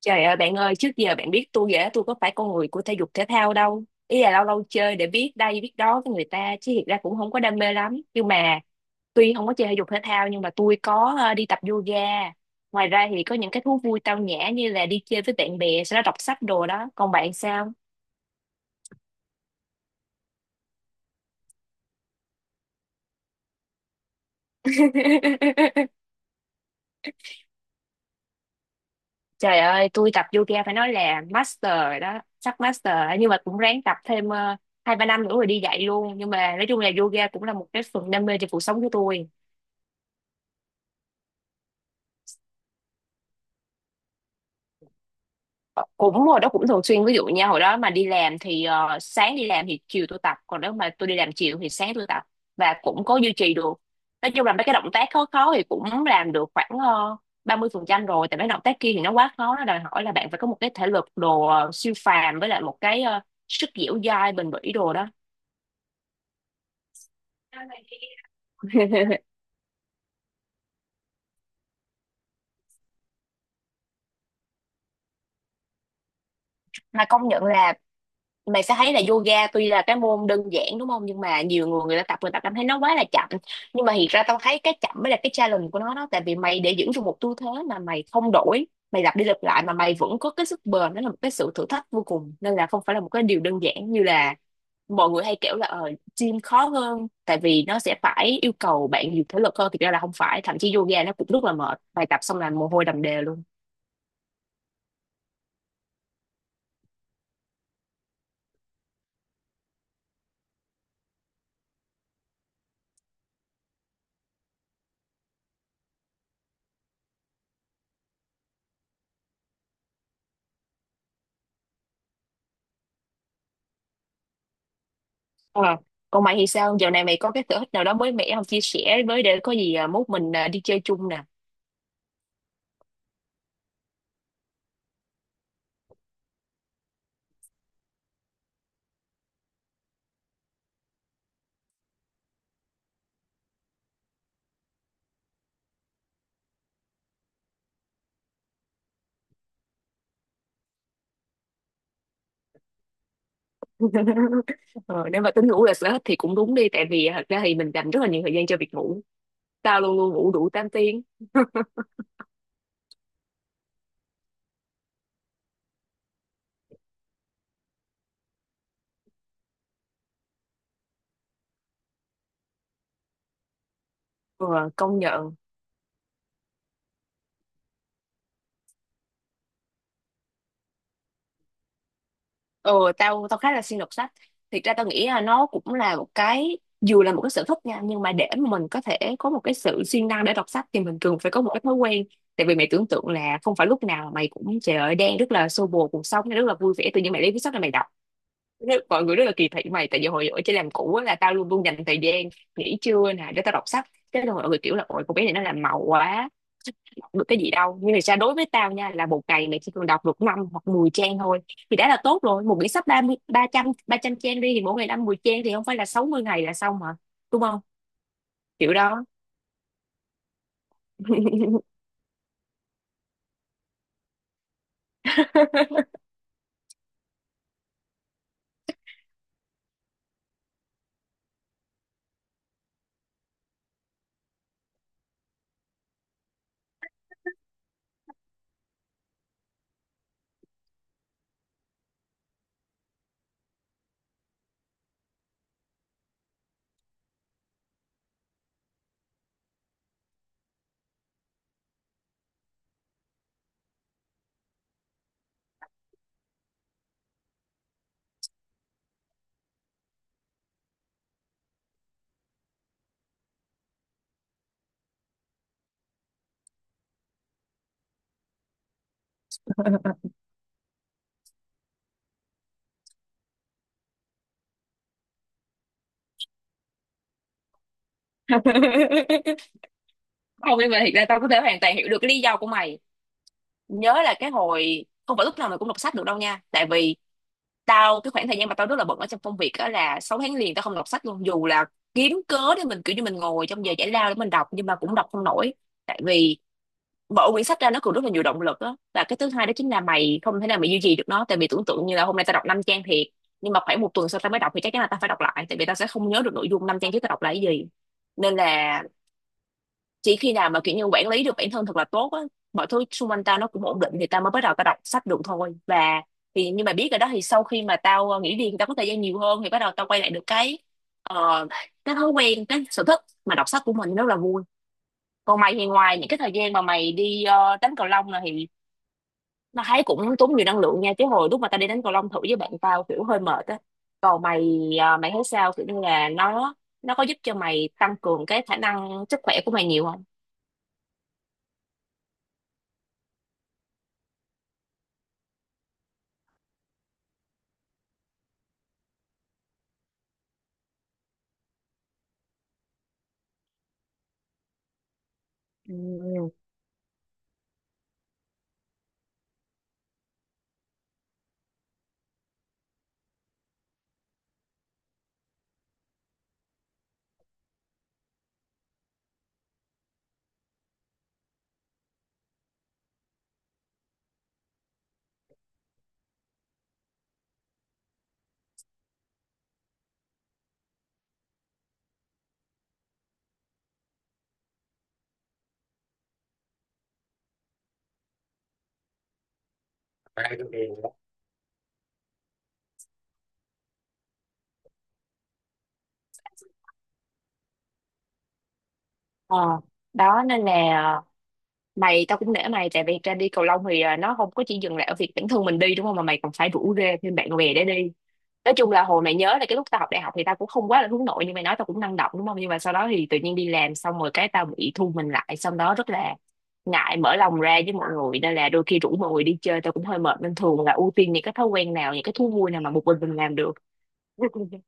Trời ơi bạn ơi, trước giờ bạn biết tôi ghẻ tôi có phải con người của thể dục thể thao đâu. Ý là lâu lâu chơi để biết đây biết đó với người ta, chứ thiệt ra cũng không có đam mê lắm. Nhưng mà tuy không có chơi thể dục thể thao nhưng mà tôi có đi tập yoga. Ngoài ra thì có những cái thú vui tao nhã như là đi chơi với bạn bè, sau đó đọc sách đồ đó. Còn bạn sao? Trời ơi, tôi tập yoga phải nói là master rồi đó, sắp master rồi. Nhưng mà cũng ráng tập thêm hai ba năm nữa rồi đi dạy luôn. Nhưng mà nói chung là yoga cũng là một cái phần đam mê trong cuộc sống của tôi. Cũng hồi đó cũng thường xuyên, ví dụ nha, hồi đó mà đi làm thì sáng đi làm thì chiều tôi tập, còn nếu mà tôi đi làm chiều thì sáng tôi tập, và cũng có duy trì được. Nói chung là mấy cái động tác khó khó thì cũng làm được khoảng 30% rồi, tại mấy động tác kia thì nó quá khó, nó đòi hỏi là bạn phải có một cái thể lực đồ siêu phàm, với lại một cái sức dẻo dai bền bỉ đồ đó. Mà công nhận là mày sẽ thấy là yoga tuy là cái môn đơn giản đúng không, nhưng mà nhiều người, người ta tập người ta cảm thấy nó quá là chậm, nhưng mà thiệt ra tao thấy cái chậm mới là cái challenge của nó đó. Tại vì mày để giữ được một tư thế mà mày không đổi, mày lặp đi lặp lại mà mày vẫn có cái sức bền, đó là một cái sự thử thách vô cùng. Nên là không phải là một cái điều đơn giản như là mọi người hay kiểu là gym khó hơn tại vì nó sẽ phải yêu cầu bạn nhiều thể lực hơn. Thực ra là không phải, thậm chí yoga nó cũng rất là mệt, bài tập xong là mồ hôi đầm đìa luôn. Ờ. Còn mày thì sao? Dạo này mày có cái sở thích nào đó mới mẻ không? Chia sẻ với để có gì à, mốt mình à, đi chơi chung nè. Ờ, nếu mà tính ngủ là sở thích thì cũng đúng đi. Tại vì à, thật ra thì mình dành rất là nhiều thời gian cho việc ngủ. Tao luôn luôn ngủ đủ 8 tiếng. Ờ, công nhận. Ờ, tao tao khá là siêng đọc sách. Thiệt ra tao nghĩ là nó cũng là một cái, dù là một cái sở thích nha, nhưng mà để mà mình có thể có một cái sự siêng năng để đọc sách thì mình cần phải có một cái thói quen. Tại vì mày tưởng tượng là không phải lúc nào mày cũng trời ơi, đang rất là xô bồ cuộc sống rất là vui vẻ tự nhiên mày lấy cuốn sách là mày đọc. Thế mọi người rất là kỳ thị mày, tại vì hồi ở trên làm cũ á, là tao luôn luôn dành thời gian nghỉ trưa nè để tao đọc sách. Thế là mọi người kiểu là ôi cô bé này nó làm màu quá, đọc được cái gì đâu. Nhưng mà sao, đối với tao nha, là một ngày mày chỉ cần đọc được 5 hoặc 10 trang thôi thì đã là tốt rồi. Một quyển sách ba mươi ba trăm trang đi, thì mỗi ngày năm mười trang thì không phải là 60 ngày là xong hả? Đúng không? Kiểu đó. Không, nhưng mà thiệt ra tao có thể hoàn toàn hiểu được cái lý do của mày. Nhớ là cái hồi không phải lúc nào mày cũng đọc sách được đâu nha, tại vì tao, cái khoảng thời gian mà tao rất là bận ở trong công việc đó là 6 tháng liền tao không đọc sách luôn, dù là kiếm cớ để mình kiểu như mình ngồi trong giờ giải lao để mình đọc nhưng mà cũng đọc không nổi. Tại vì mở quyển sách ra nó còn rất là nhiều động lực đó, và cái thứ hai đó chính là mày không thể nào mày duy trì được nó. Tại vì tưởng tượng như là hôm nay tao đọc 5 trang thiệt, nhưng mà khoảng một tuần sau tao mới đọc thì chắc chắn là tao phải đọc lại, tại vì tao sẽ không nhớ được nội dung 5 trang trước tao đọc là cái gì. Nên là chỉ khi nào mà kiểu như quản lý được bản thân thật là tốt á, mọi thứ xung quanh tao nó cũng ổn định thì tao mới bắt đầu tao đọc sách được thôi. Và thì nhưng mà biết rồi đó, thì sau khi mà tao nghỉ việc thì tao có thời gian nhiều hơn, thì bắt đầu tao quay lại được cái ờ, cái thói quen, cái sở thích mà đọc sách của mình rất là vui. Còn mày thì ngoài những cái thời gian mà mày đi đánh cầu lông này thì nó thấy cũng tốn nhiều năng lượng nha, chứ hồi lúc mà tao đi đánh cầu lông thử với bạn tao kiểu hơi mệt á. Còn mày mày thấy sao kiểu như là nó có giúp cho mày tăng cường cái khả năng sức khỏe của mày nhiều không? Ừ. Ờ, đó nên là, mày, tao cũng nể mày, tại vì ra đi cầu lông thì à, nó không có chỉ dừng lại ở việc bản thân mình đi đúng không, mà mày còn phải rủ rê thêm bạn bè để đi. Nói chung là hồi mày nhớ là cái lúc tao học đại học thì tao cũng không quá là hướng nội như mày nói, tao cũng năng động đúng không, nhưng mà sau đó thì tự nhiên đi làm xong rồi, cái tao bị thu mình lại, xong đó rất là ngại mở lòng ra với mọi người nên là đôi khi rủ mọi người đi chơi tao cũng hơi mệt, nên thường là ưu tiên những cái thói quen nào, những cái thú vui nào mà một mình làm được.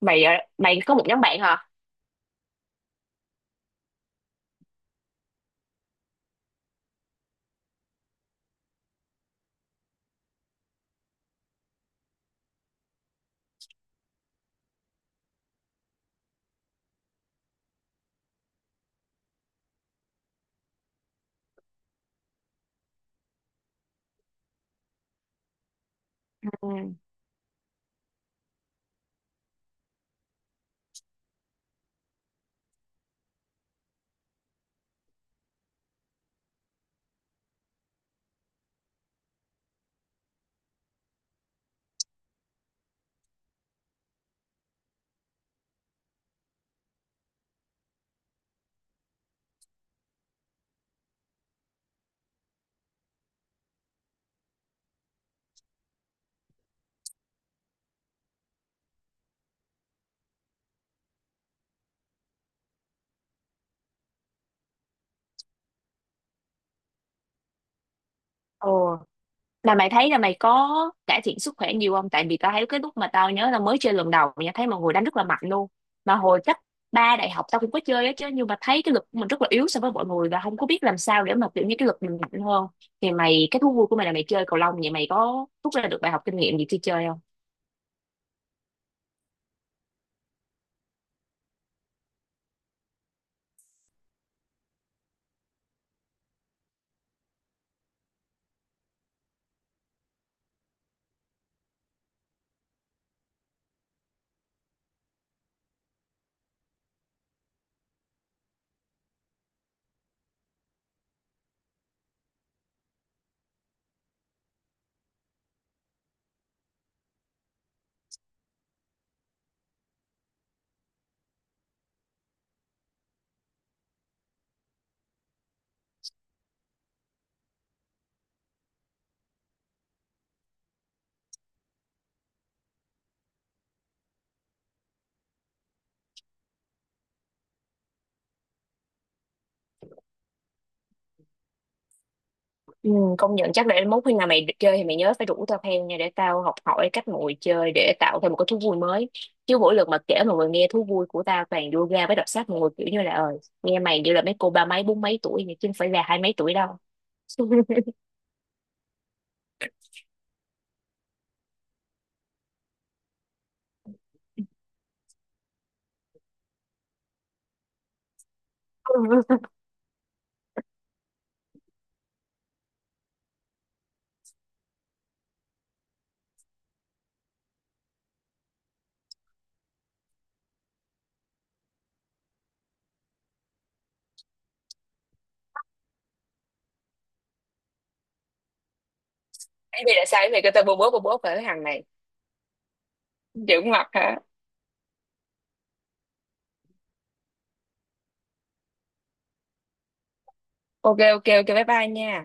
Mày à, mày có một nhóm bạn hả? Ừ. Ồ. Là mày thấy là mày có cải thiện sức khỏe nhiều không? Tại vì tao thấy cái lúc mà tao nhớ là mới chơi lần đầu nha, thấy mọi người đánh rất là mạnh luôn. Mà hồi cấp ba đại học tao cũng có chơi á chứ, nhưng mà thấy cái lực của mình rất là yếu so với mọi người và không có biết làm sao để mà kiểu như cái lực mình mạnh hơn. Thì mày, cái thú vui của mày là mày chơi cầu lông, vậy mày có rút ra được bài học kinh nghiệm gì khi chơi không? Ừ, công nhận. Chắc để mốt khi nào mày chơi thì mày nhớ phải rủ tao theo nha, để tao học hỏi cách mọi người chơi để tạo thêm một cái thú vui mới. Chứ mỗi lần mà kể mọi người nghe thú vui của tao toàn yoga với đọc sách, mọi người kiểu như là nghe mày như là mấy cô ba mấy bốn mấy tuổi vậy, chứ không phải là hai mấy tuổi đâu. Thế thì là sao mày kêu tao bố bố bố bố phải, cái thằng này. Dữ mặt hả? Ok ok ok, bye bye nha.